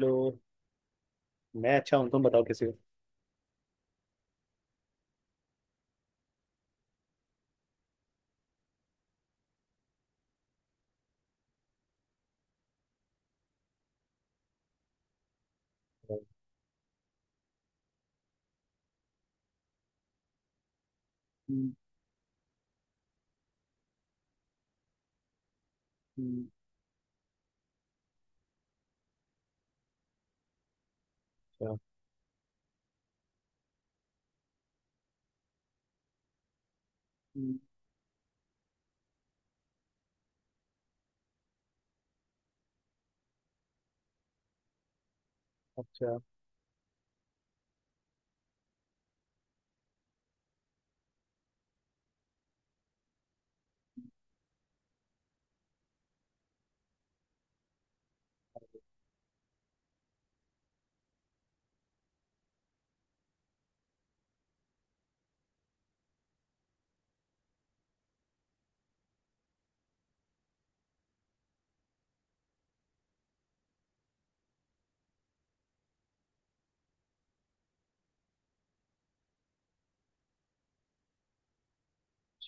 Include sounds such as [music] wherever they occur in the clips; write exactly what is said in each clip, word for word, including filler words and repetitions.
Hello. मैं अच्छा हूँ, तुम बताओ कैसे हो? हम्म। हम्म। अच्छा। हम्म। अच्छा,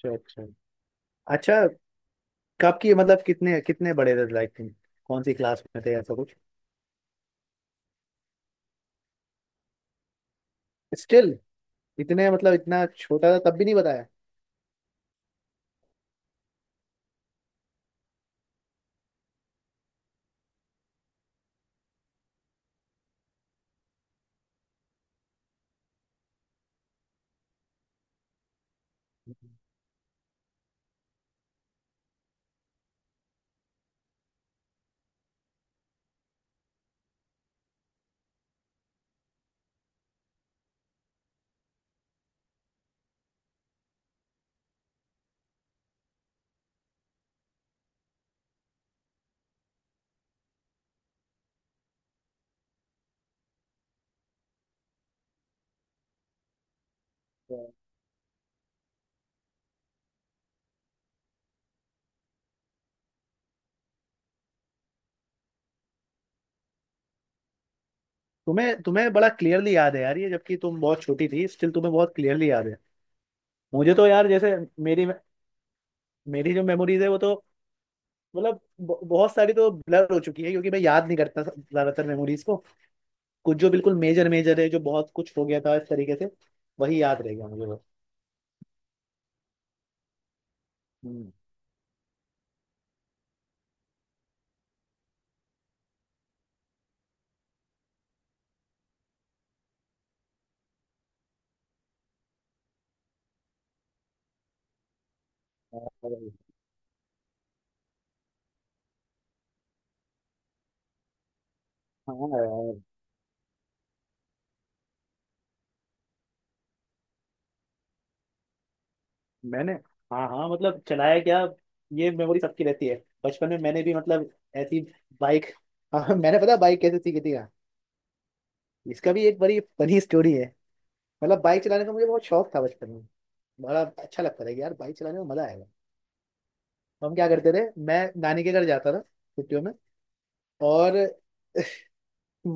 अच्छा, अच्छा, अच्छा। कब की? मतलब कितने कितने बड़े थे, लाइक तुम कौन सी क्लास में थे, ऐसा कुछ? स्टिल? इतने मतलब इतना छोटा था तब भी नहीं बताया? अच्छा। तुम्हें तुम्हें बड़ा क्लियरली याद है यार ये, जबकि तुम बहुत छोटी थी, स्टिल तुम्हें बहुत क्लियरली याद है। मुझे तो यार जैसे, मेरी मेरी जो मेमोरीज है वो तो, मतलब ब- बहुत सारी तो ब्लर हो चुकी है क्योंकि मैं याद नहीं करता ज्यादातर मेमोरीज को। कुछ जो बिल्कुल मेजर मेजर है, जो बहुत कुछ हो गया था इस तरीके से, वही याद रह गया मुझे बस। हम्म। और- हाँ यार। मैंने। हाँ हाँ, मतलब चलाया क्या? ये मेमोरी सबकी रहती है, बचपन में मैंने भी, मतलब ऐसी बाइक। हाँ हाँ, मैंने पता बाइक कैसे सीखी थी क्या? इसका भी एक बड़ी फनी स्टोरी है। मतलब बाइक चलाने का मुझे बहुत शौक था बचपन में। बड़ा अच्छा लगता था कि यार बाइक चलाने में मजा आएगा। तो हम क्या करते थे, मैं नानी के घर जाता था छुट्टियों में। और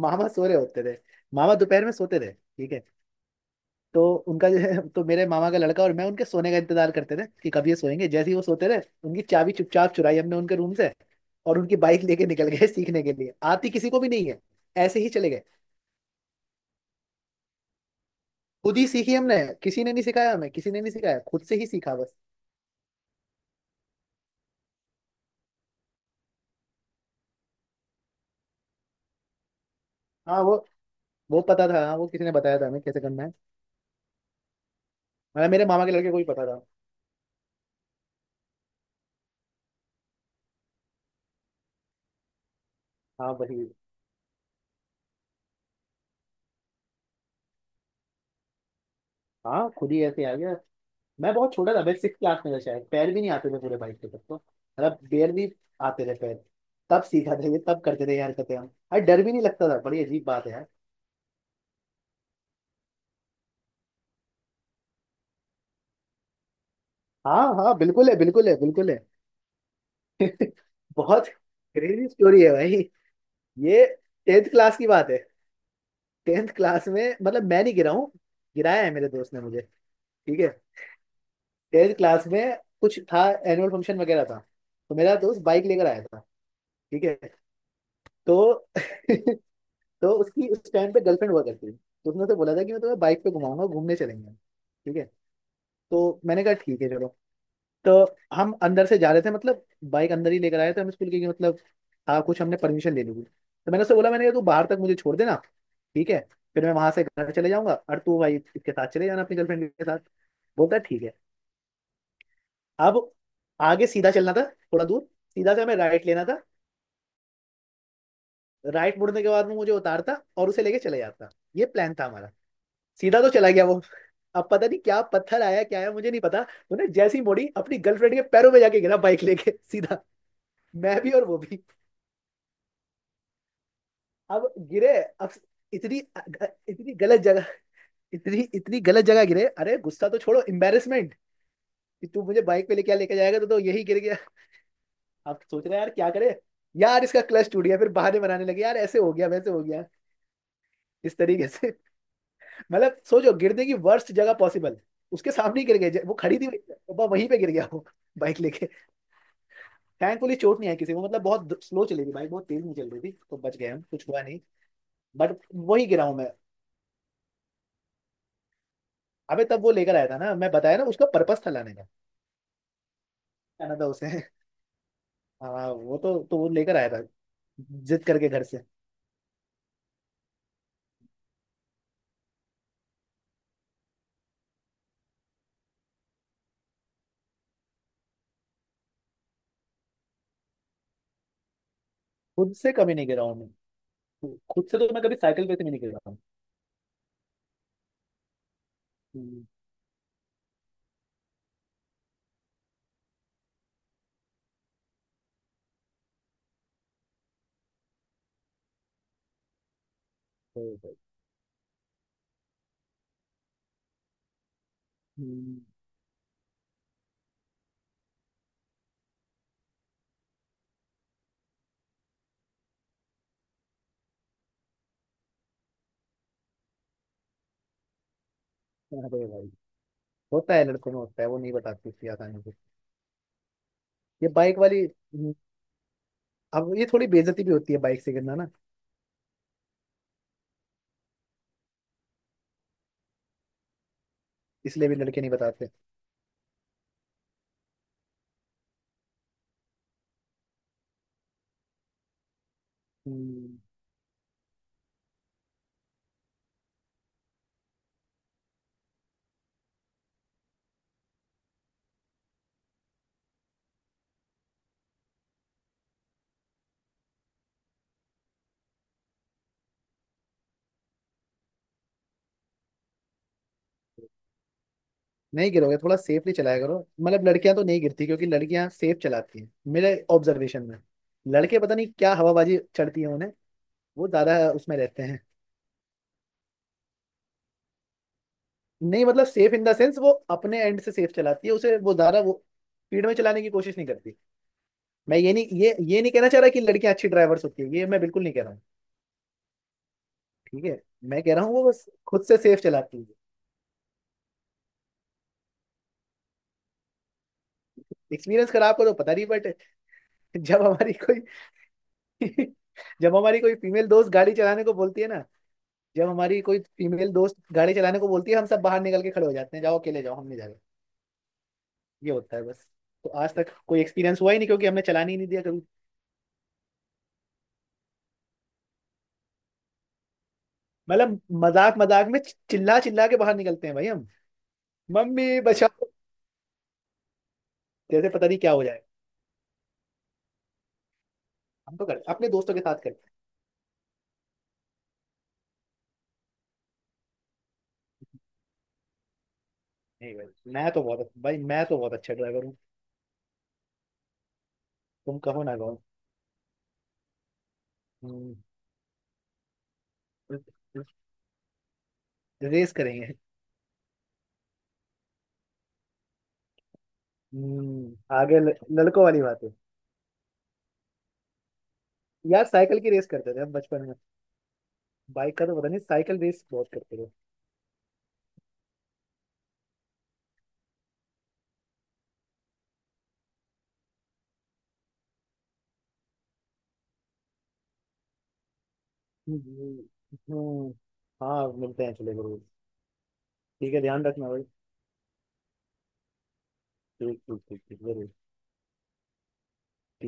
मामा सो रहे होते थे। मामा दोपहर में सोते थे, ठीक है। तो उनका जो है, तो मेरे मामा का लड़का और मैं उनके सोने का इंतजार करते थे कि कब ये सोएंगे। जैसे ही वो सोते रहे, उनकी चाबी चुपचाप चुराई हमने उनके रूम से, और उनकी बाइक लेके निकल गए सीखने के लिए, आती किसी को भी नहीं है। ऐसे ही चले गए। खुद ही सीखी हमने। किसी ने नहीं सिखाया हमें, किसी ने नहीं सिखाया, खुद से ही सीखा बस। हाँ, वो वो पता था, हाँ वो किसी ने बताया था हमें कैसे करना है। मतलब मेरे मामा के लड़के को ही पता था। हाँ वही। हाँ खुद ही ऐसे आ गया। मैं बहुत छोटा था, मैं सिक्स क्लास में था शायद, पैर भी नहीं आते थे पूरे बाइक के तब तो, मतलब बेर भी आते थे पैर। तब सीखा था ये, तब करते थे यार, करते हम, अरे डर भी नहीं लगता था, बड़ी अजीब बात है यार। हाँ हाँ, बिल्कुल है, बिल्कुल है, बिल्कुल है। बहुत क्रेजी स्टोरी है भाई। ये टेंथ क्लास की बात है। टेंथ क्लास में, मतलब मैं नहीं गिरा हूँ, गिराया है मेरे दोस्त ने मुझे, ठीक है। टेंथ क्लास में कुछ था, एनुअल फंक्शन वगैरह था। तो मेरा दोस्त बाइक लेकर आया था, ठीक है। तो [laughs] तो उसकी उस टाइम पे गर्लफ्रेंड हुआ करती थी, तो उसने उसे बोला था कि मैं तुम्हें बाइक पे घुमाऊंगा, घूमने चलेंगे, ठीक है। तो मैंने कहा ठीक है, चलो। तो हम अंदर से जा रहे थे, मतलब बाइक अंदर ही लेकर आए थे हम स्कूल के, कि मतलब हाँ, कुछ हमने परमिशन ले ली थी। तो मैंने उससे बोला, मैंने कहा तू बाहर तक मुझे छोड़ देना, ठीक है। फिर मैं वहां से घर चले जाऊंगा और तू भाई इसके साथ चले जाना, अपनी गर्लफ्रेंड के साथ। बोलता है, ठीक है। अब आगे सीधा चलना था, थोड़ा दूर, सीधा से हमें राइट लेना था। राइट मुड़ने के बाद वो मुझे उतारता और उसे लेके चले जाता, ये प्लान था हमारा। सीधा तो चला गया वो। अब पता नहीं क्या पत्थर आया क्या आया, मुझे नहीं पता। उन्हें जैसी मोड़ी, अपनी गर्लफ्रेंड के पैरों में जाके गिरा बाइक लेके सीधा। मैं भी और वो भी। अब गिरे। अब इतनी, इतनी गलत जगह, इतनी इतनी गलत जगह गिरे, अरे गुस्सा तो छोड़ो, एम्बेरसमेंट। कि तू मुझे बाइक पे लेके लेके जाएगा तो, तो, यही गिर गया। अब सोच रहे हैं यार क्या करे, यार इसका क्लच टूट गया, फिर बहाने बनाने लगे यार, ऐसे हो गया वैसे हो गया, इस तरीके से। मतलब सोचो गिरने की वर्स्ट जगह पॉसिबल, उसके सामने ही गिर गए, वो खड़ी थी। वो वहीं पे गिर गया वो, बाइक लेके। थैंकफुली चोट नहीं आई किसी को, मतलब बहुत स्लो चली थी बाइक, बहुत तेज नहीं चल रही थी, तो बच गए हम, कुछ हुआ नहीं। बट वही गिरा हूँ मैं। अबे तब वो लेकर आया था ना, मैं बताया ना, उसका पर्पस था लाने का। लाना था उसे। हाँ, वो तो, तो वो लेकर आया था, जिद करके घर से। खुद से कभी नहीं गिरा हूँ मैं, खुद से तो मैं कभी साइकिल पे से भी नहीं गिरा हूँ। हम्म। अरे भाई। हम्म। अरे भाई। होता है लड़कों में होता है, वो नहीं बताती इतनी आसानी से। ये बाइक वाली, हम्म। अब ये थोड़ी बेइज्जती भी होती है बाइक से गिरना ना। इसलिए भी लड़के नहीं बताते। हम्म। नहीं गिरोगे, थोड़ा सेफली चलाया करो, मतलब लड़कियां तो नहीं गिरती क्योंकि लड़कियां सेफ चलाती हैं मेरे ऑब्जर्वेशन में। लड़के पता नहीं क्या हवाबाजी चढ़ती है उन्हें, वो ज्यादा उसमें रहते हैं। नहीं, मतलब सेफ इन द सेंस, वो अपने एंड से सेफ चलाती है, उसे वो ज्यादा, वो स्पीड में चलाने की कोशिश नहीं करती। मैं ये नहीं, ये ये नहीं कहना चाह रहा कि लड़कियां अच्छी ड्राइवर्स होती है, ये मैं बिल्कुल नहीं कह रहा हूँ, ठीक है। मैं कह रहा हूँ वो बस खुद से सेफ चलाती है। एक्सपीरियंस खराब करो, पता नहीं बट, जब हमारी कोई [laughs] जब हमारी कोई फीमेल दोस्त गाड़ी चलाने को बोलती है ना, जब हमारी कोई फीमेल दोस्त गाड़ी चलाने को बोलती है, हम सब बाहर निकल के खड़े हो जाते हैं, जाओ अकेले जाओ, हम नहीं जा रहे। ये होता है बस। तो आज तक कोई एक्सपीरियंस हुआ ही नहीं क्योंकि हमने चलाने ही नहीं दिया कभी, मतलब मजाक मजाक में चिल्ला चिल्ला के बाहर निकलते हैं भाई हम, मम्मी बचाओ, जैसे पता नहीं क्या हो जाए। हम तो करते अपने दोस्तों के साथ करते हैं। नहीं भाई, मैं तो बहुत भाई, मैं तो बहुत अच्छा ड्राइवर हूँ। तुम कहो ना कहो। हम्म। रेस करेंगे। हम्म। आगे ल- लड़कों वाली बात है। यार साइकिल की रेस करते थे हम बचपन में। बाइक का तो पता नहीं, साइकिल रेस बहुत करते थे। हम्म। हम्म। हाँ मिलते हैं, चले जरूर। ठीक है ध्यान रखना भाई। ठीक, ठीक, ठीक, ठीक, जरूर। ठीक।